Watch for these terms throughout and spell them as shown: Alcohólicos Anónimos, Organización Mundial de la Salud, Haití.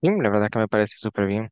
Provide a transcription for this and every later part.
Sí, la verdad que me parece súper bien.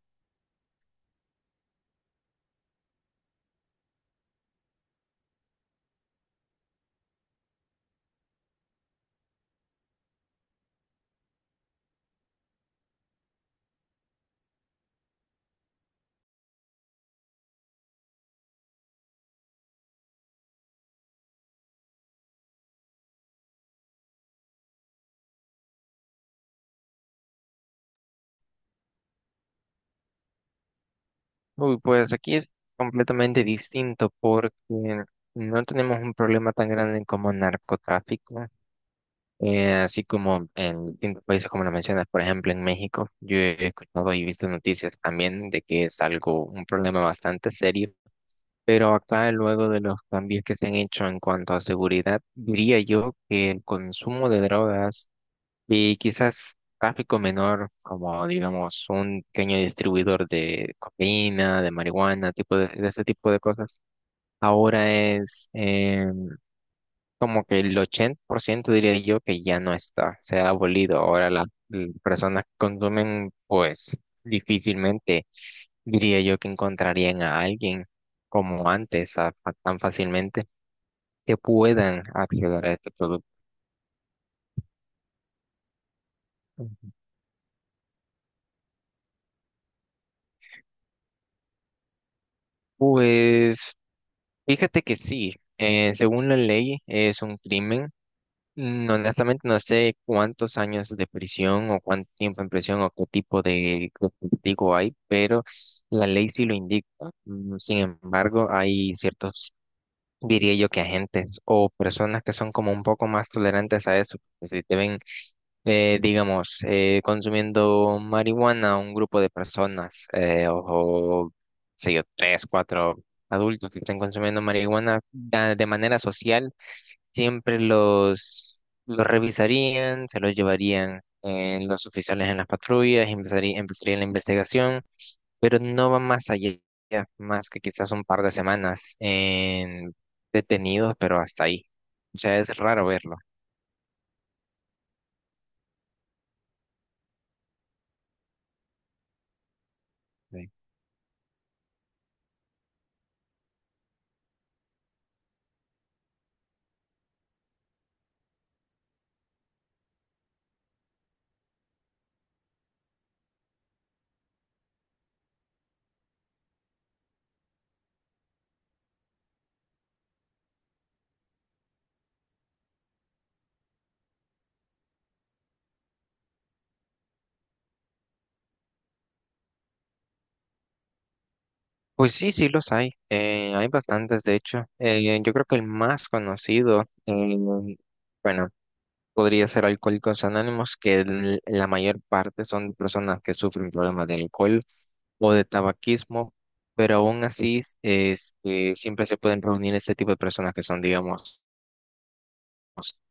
Uy, pues aquí es completamente distinto porque no tenemos un problema tan grande como narcotráfico, así como en distintos países como lo mencionas, por ejemplo en México. Yo he escuchado y visto noticias también de que es algo, un problema bastante serio, pero acá luego de los cambios que se han hecho en cuanto a seguridad, diría yo que el consumo de drogas y quizás tráfico menor, como digamos un pequeño distribuidor de cocaína, de marihuana, tipo de ese tipo de cosas. Ahora es como que el 80% diría yo que ya no está, se ha abolido. Ahora las personas que consumen, pues difícilmente diría yo que encontrarían a alguien como antes, tan fácilmente, que puedan acceder a este producto. Pues fíjate que sí, según la ley es un crimen. Mm. Honestamente no sé cuántos años de prisión o cuánto tiempo en prisión o qué tipo de castigo hay, pero la ley sí lo indica. Mm. Sin embargo, hay ciertos, diría yo, que agentes o personas que son como un poco más tolerantes a eso, que si te ven digamos, consumiendo marihuana un grupo de personas, o, sé yo, 3, 4 adultos que estén consumiendo marihuana ya de manera social, siempre los revisarían, se los llevarían, los oficiales en las patrullas. Empezaría la investigación, pero no va más allá, más que quizás un par de semanas en detenidos, pero hasta ahí. O sea, es raro verlo. Pues sí, sí los hay. Hay bastantes, de hecho. Yo creo que el más conocido, bueno, podría ser Alcohólicos Anónimos, que la mayor parte son personas que sufren problemas de alcohol o de tabaquismo, pero aún así, este, siempre se pueden reunir este tipo de personas que son, digamos,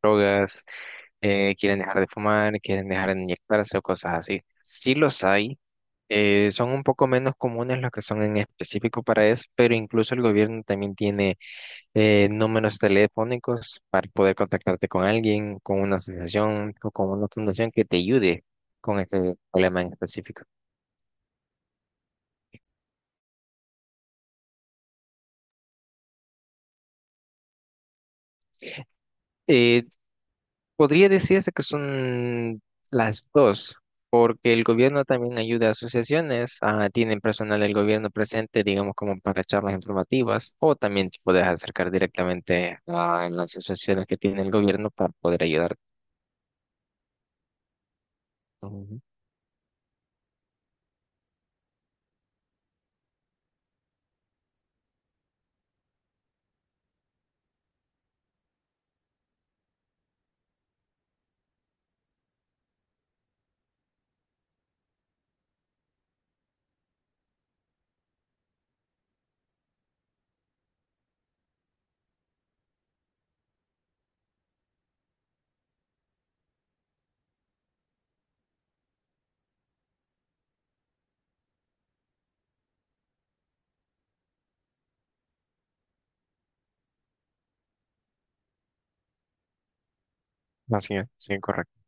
drogas. Quieren dejar de fumar, quieren dejar de inyectarse o cosas así. Sí los hay, son un poco menos comunes los que son en específico para eso, pero incluso el gobierno también tiene números telefónicos para poder contactarte con alguien, con una asociación o con una fundación que te ayude con este problema en específico. Eh, podría decirse que son las dos. Que el gobierno también ayuda a asociaciones, ah, tienen personal del gobierno presente, digamos, como para charlas informativas, o también te puedes acercar directamente a en las asociaciones que tiene el gobierno para poder ayudar. Ujú. Así es, sí, correcto.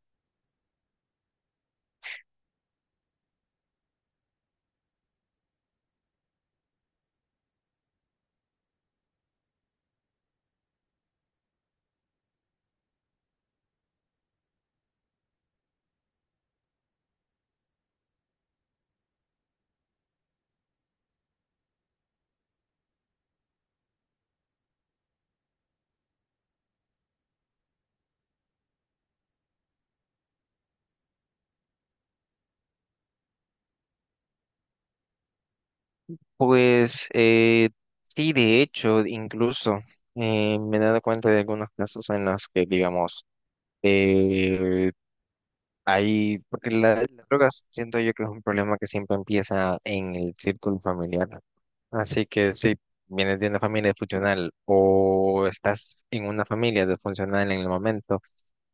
Pues sí, de hecho, incluso, me he dado cuenta de algunos casos en los que, digamos, eh, hay, porque las drogas siento yo que es un problema que siempre empieza en el círculo familiar. Así que si vienes de una familia funcional o estás en una familia disfuncional en el momento,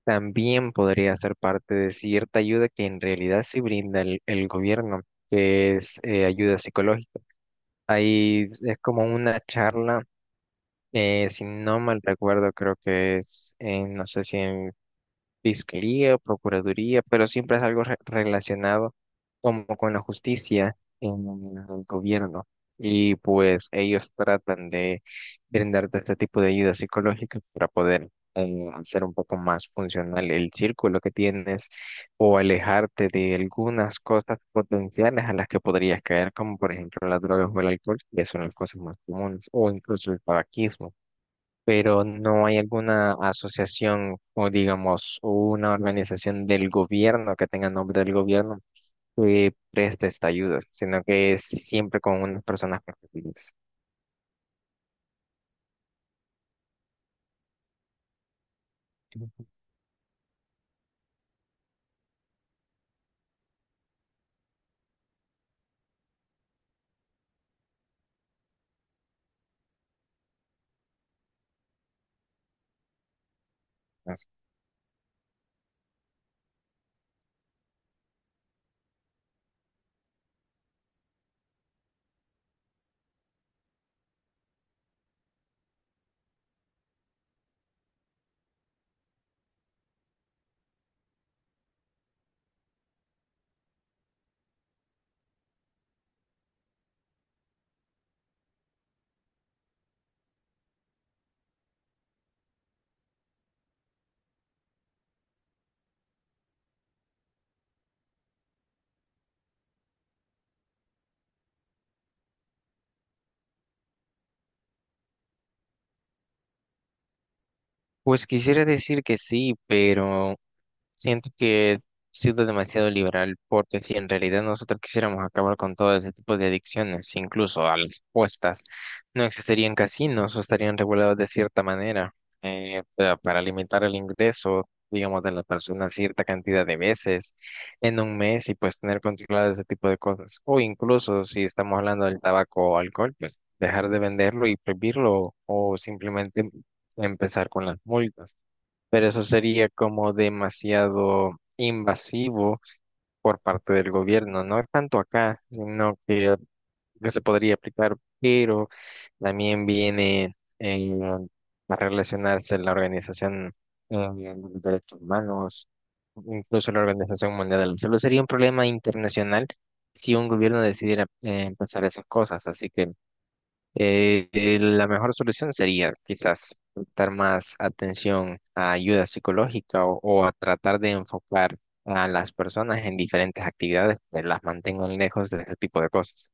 también podría ser parte de cierta ayuda que en realidad sí brinda el gobierno, que es ayuda psicológica. Ahí es como una charla, si no mal recuerdo, creo que es, en, no sé si en fiscalía, procuraduría, pero siempre es algo relacionado como con la justicia en el gobierno. Y pues ellos tratan de brindarte este tipo de ayuda psicológica para poder hacer un poco más funcional el círculo que tienes o alejarte de algunas cosas potenciales a las que podrías caer, como por ejemplo las drogas o el alcohol, que son las cosas más comunes, o incluso el tabaquismo. Pero no hay alguna asociación o digamos una organización del gobierno que tenga nombre del gobierno que preste esta ayuda, sino que es siempre con unas personas particulares. Entonces, pues quisiera decir que sí, pero siento que he sido demasiado liberal, porque si en realidad nosotros quisiéramos acabar con todo ese tipo de adicciones, incluso a las apuestas, no existirían casinos o estarían regulados de cierta manera, para limitar el ingreso, digamos, de la persona cierta cantidad de veces en un mes y pues tener controlado ese tipo de cosas. O incluso si estamos hablando del tabaco o alcohol, pues dejar de venderlo y prohibirlo o simplemente empezar con las multas. Pero eso sería como demasiado invasivo por parte del gobierno, no tanto acá, que se podría aplicar, pero también viene, a relacionarse la organización de los derechos humanos, incluso la Organización Mundial de la Salud. Sería un problema internacional si un gobierno decidiera, empezar esas cosas, así que la mejor solución sería quizás prestar más atención a ayuda psicológica o a tratar de enfocar a las personas en diferentes actividades que las mantengan lejos de ese tipo de cosas.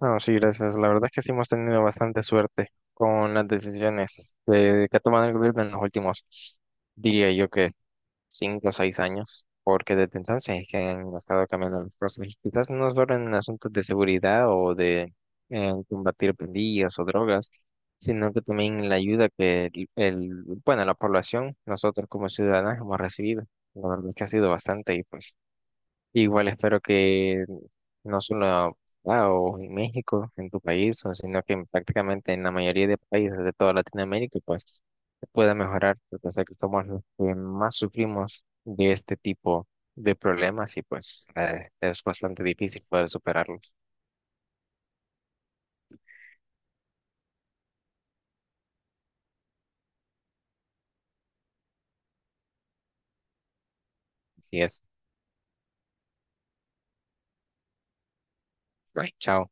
No, sí, gracias. La verdad es que sí hemos tenido bastante suerte con las decisiones, que ha tomado el gobierno en los últimos, diría yo que 5 o 6 años, porque desde entonces es que han estado cambiando las cosas. Y quizás no solo en asuntos de seguridad o de combatir pandillas o drogas, sino que también la ayuda que la población, nosotros como ciudadanos hemos recibido. La verdad es que ha sido bastante y pues igual espero que no solo ah, o en México, en tu país, o sino que en prácticamente en la mayoría de países de toda Latinoamérica, pues se pueda mejorar, porque sé que somos los que más sufrimos de este tipo de problemas y pues es bastante difícil poder superarlos. Así es. Bye, chao.